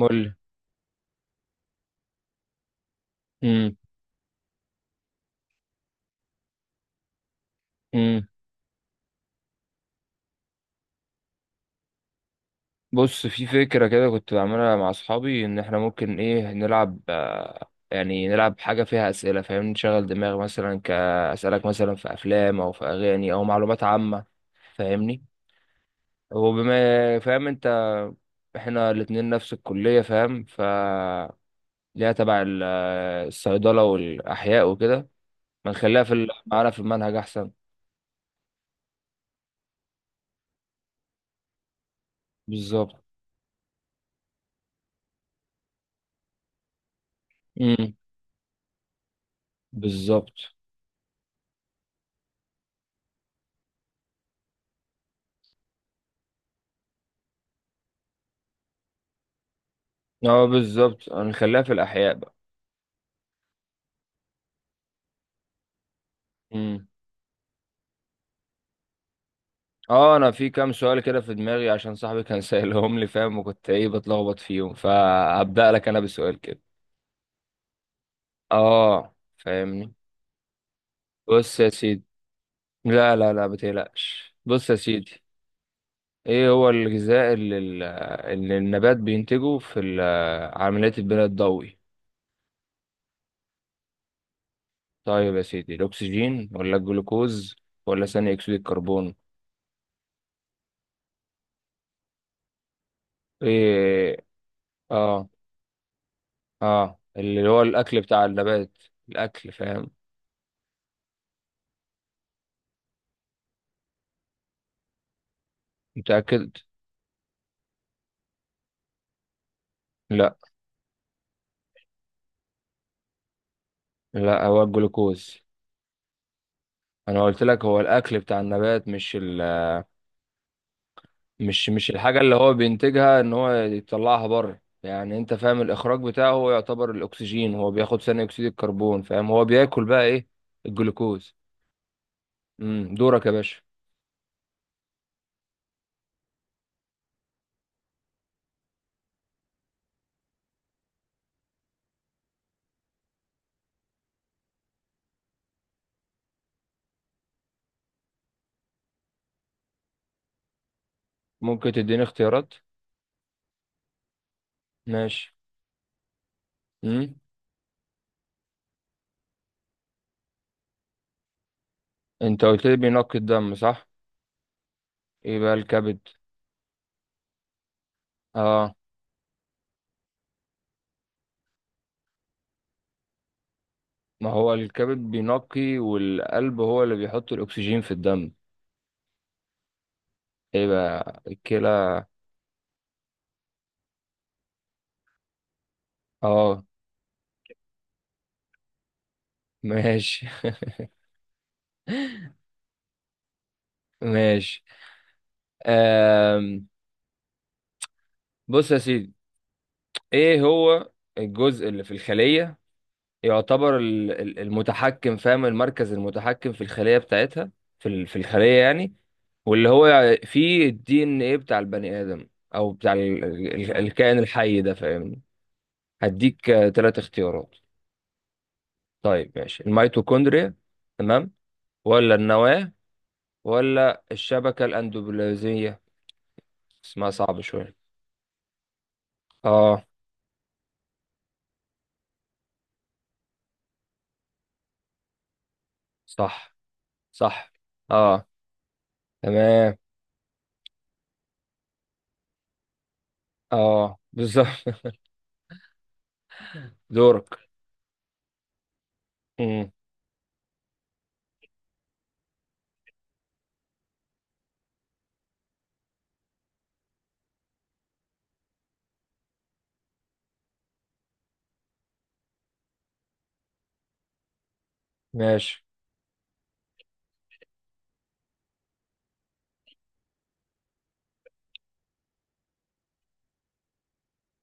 مول. امم امم بص في فكرة كده كنت بعملها مع أصحابي إن إحنا ممكن نلعب، يعني نلعب حاجة فيها أسئلة، فاهم؟ نشغل دماغ، مثلا كأسألك مثلا في أفلام أو في أغاني أو معلومات عامة. فاهمني؟ وبما فاهم أنت، إحنا الاتنين نفس الكلية فاهم. ليها تبع الصيدلة والأحياء وكده. ما نخليها معانا في المنهج أحسن. بالظبط. امم. بالظبط. اه بالظبط، هنخليها في الاحياء بقى. امم. اه، انا في كام سؤال كده في دماغي عشان صاحبي كان سائلهم لي فاهم، وكنت بتلخبط فيهم، فهبدأ لك انا بسؤال كده. اه فاهمني. بص يا سيدي. لا لا لا بتقلقش، بص يا سيدي. ايه هو الغذاء اللي النبات بينتجه في عملية البناء الضوئي؟ طيب يا سيدي، الاكسجين ولا الجلوكوز ولا ثاني اكسيد الكربون؟ ايه؟ اه. اه اللي هو الاكل بتاع النبات، الاكل فاهم. متاكد. لا لا هو الجلوكوز. انا قلت لك هو الاكل بتاع النبات، مش ال... مش الحاجه اللي هو بينتجها ان هو يطلعها بره، يعني انت فاهم الاخراج بتاعه، هو يعتبر الاكسجين هو بياخد ثاني اكسيد الكربون فاهم، هو بياكل بقى ايه؟ الجلوكوز. امم، دورك يا باشا. ممكن تديني اختيارات. ماشي. امم. انت قلت لي بينقي الدم صح؟ ايه بقى الكبد. اه. ما هو الكبد بينقي، والقلب هو اللي بيحط الأكسجين في الدم. ايه بقى الكلى. اه. ماشي. ماشي. آم. بص يا سيدي، ايه هو الجزء اللي في الخلية يعتبر المتحكم، فاهم، المركز المتحكم في الخلية بتاعتها، في الخلية يعني، واللي هو فيه الدي ان ايه بتاع البني آدم او بتاع الكائن الحي ده فاهمني. هديك ثلاث اختيارات. طيب ماشي، الميتوكوندريا، تمام، ولا النواة، ولا الشبكة الأندوبلازمية. اسمها صعب شوية. اه. صح صح. اه تمام. اه بالظبط. دورك. مم. ماشي.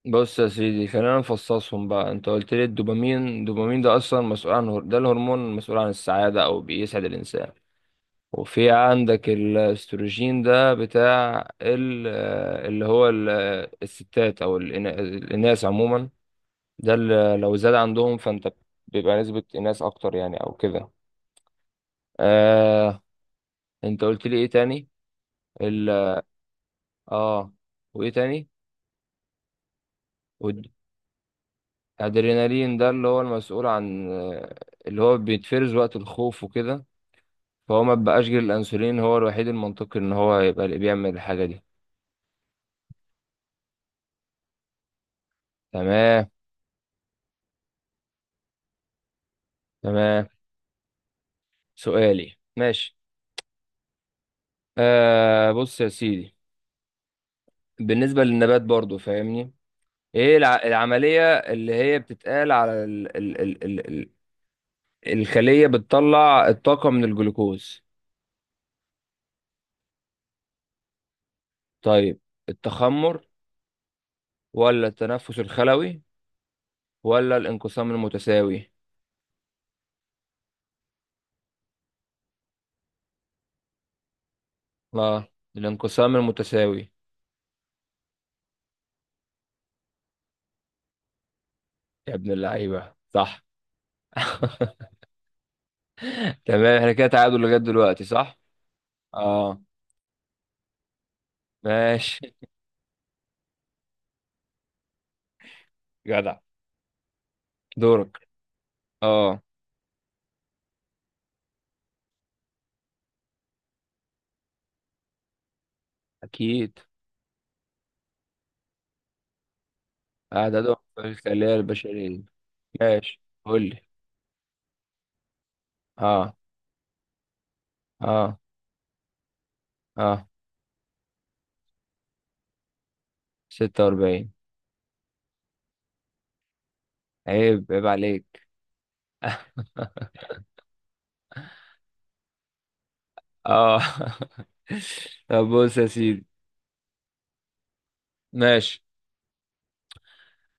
بص يا سيدي، خلينا نفصصهم بقى. انت قلت لي الدوبامين، الدوبامين ده اصلا مسؤول عن ده الهرمون المسؤول عن السعادة او بيسعد الانسان. وفي عندك الاستروجين، ده بتاع اللي هو الستات او الاناث عموما، ده اللي لو زاد عندهم فانت بيبقى نسبة ناس اكتر، يعني او كده. آه. انت قلت لي ايه تاني؟ ال اه. وايه تاني؟ والادرينالين، ده اللي هو المسؤول عن اللي هو بيتفرز وقت الخوف وكده. فهو ما بقاش غير الانسولين هو الوحيد المنطقي ان هو يبقى اللي بيعمل الحاجة دي. تمام. تمام. سؤالي ماشي. بص يا سيدي، بالنسبة للنبات برضو فاهمني، ايه العملية اللي هي بتتقال على الخلية بتطلع الطاقة من الجلوكوز؟ طيب، التخمر ولا التنفس الخلوي ولا الانقسام المتساوي؟ اه. الانقسام المتساوي. يا ابن اللعيبة صح. تمام، احنا كده تعادل لغاية دلوقتي صح. اه. ماشي. جدع. دورك. اه. اكيد. عددهم في الخلايا البشرية. ماشي قول لي. اه. اه. اه. 46. عيب عيب عليك. اه. طب بص يا سيدي، ماشي.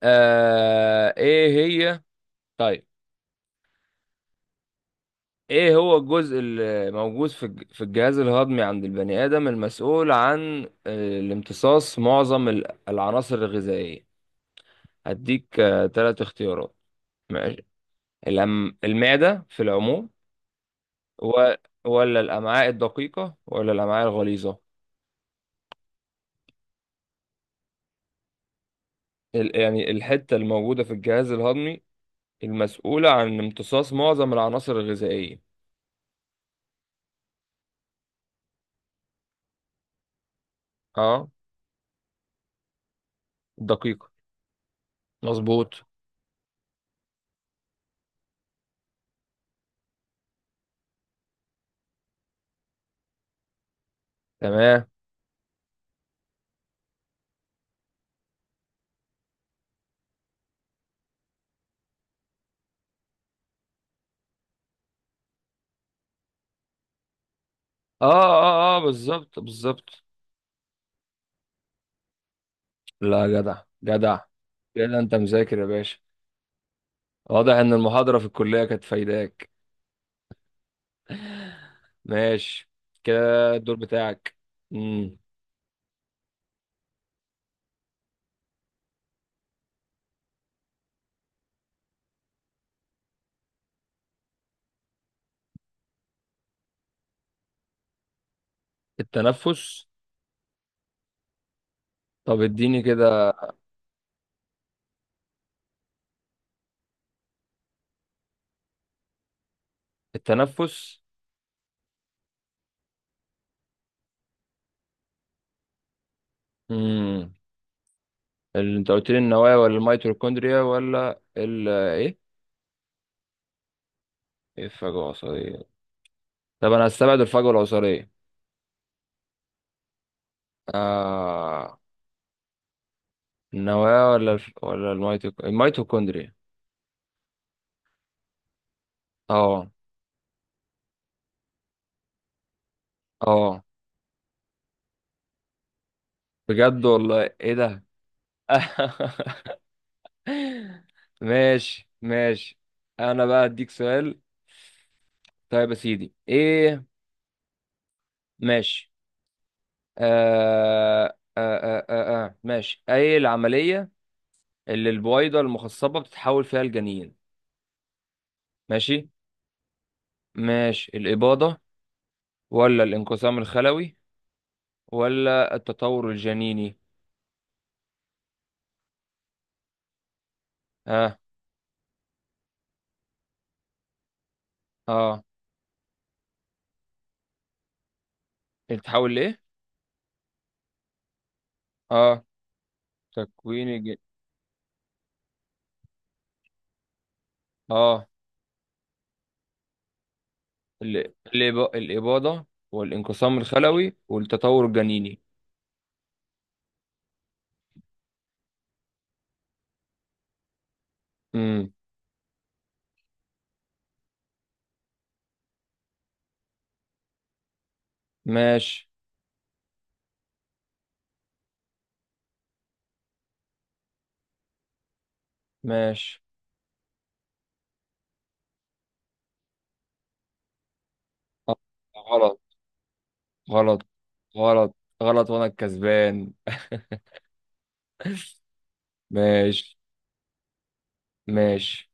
آه ايه هي؟ طيب، ايه هو الجزء اللي موجود في الجهاز الهضمي عند البني ادم المسؤول عن الامتصاص معظم العناصر الغذائية؟ هديك ثلاث اختيارات. ماشي. المعدة في العموم. و... ولا الأمعاء الدقيقة ولا الأمعاء الغليظة. يعني الحتة الموجودة في الجهاز الهضمي المسؤولة عن امتصاص معظم العناصر الغذائية. اه. دقيقة. مظبوط. تمام. اه اه اه بالظبط بالظبط. لا جدع جدع، كده انت مذاكر يا باشا. واضح ان المحاضرة في الكلية كانت فايداك. ماشي، كده الدور بتاعك. امم. التنفس. طب اديني كده. التنفس. امم. اللي انت قلت لي النوايا ولا الميتوكوندريا ولا ال ايه؟ إيه الفجوة العصبية؟ طب انا هستبعد الفجوة العصبية. آه، النوايا ولا ولا الميتوكوندريا. اه. اه. بجد والله، ايه ده؟ ماشي ماشي. انا بقى اديك سؤال. طيب يا سيدي ايه؟ ماشي. ماشي، ايه العملية اللي البويضة المخصبة بتتحول فيها الجنين؟ ماشي. ماشي، الإباضة ولا الانقسام الخلوي ولا التطور الجنيني. اه. اه بتتحول ليه. اه. تكوين الجنين. الإباضة والانقسام الخلوي والتطور الجنيني. امم. ماشي. ماشي. آه، غلط. غلط. غلط. غلط وأنا الكسبان. ماشي ماشي.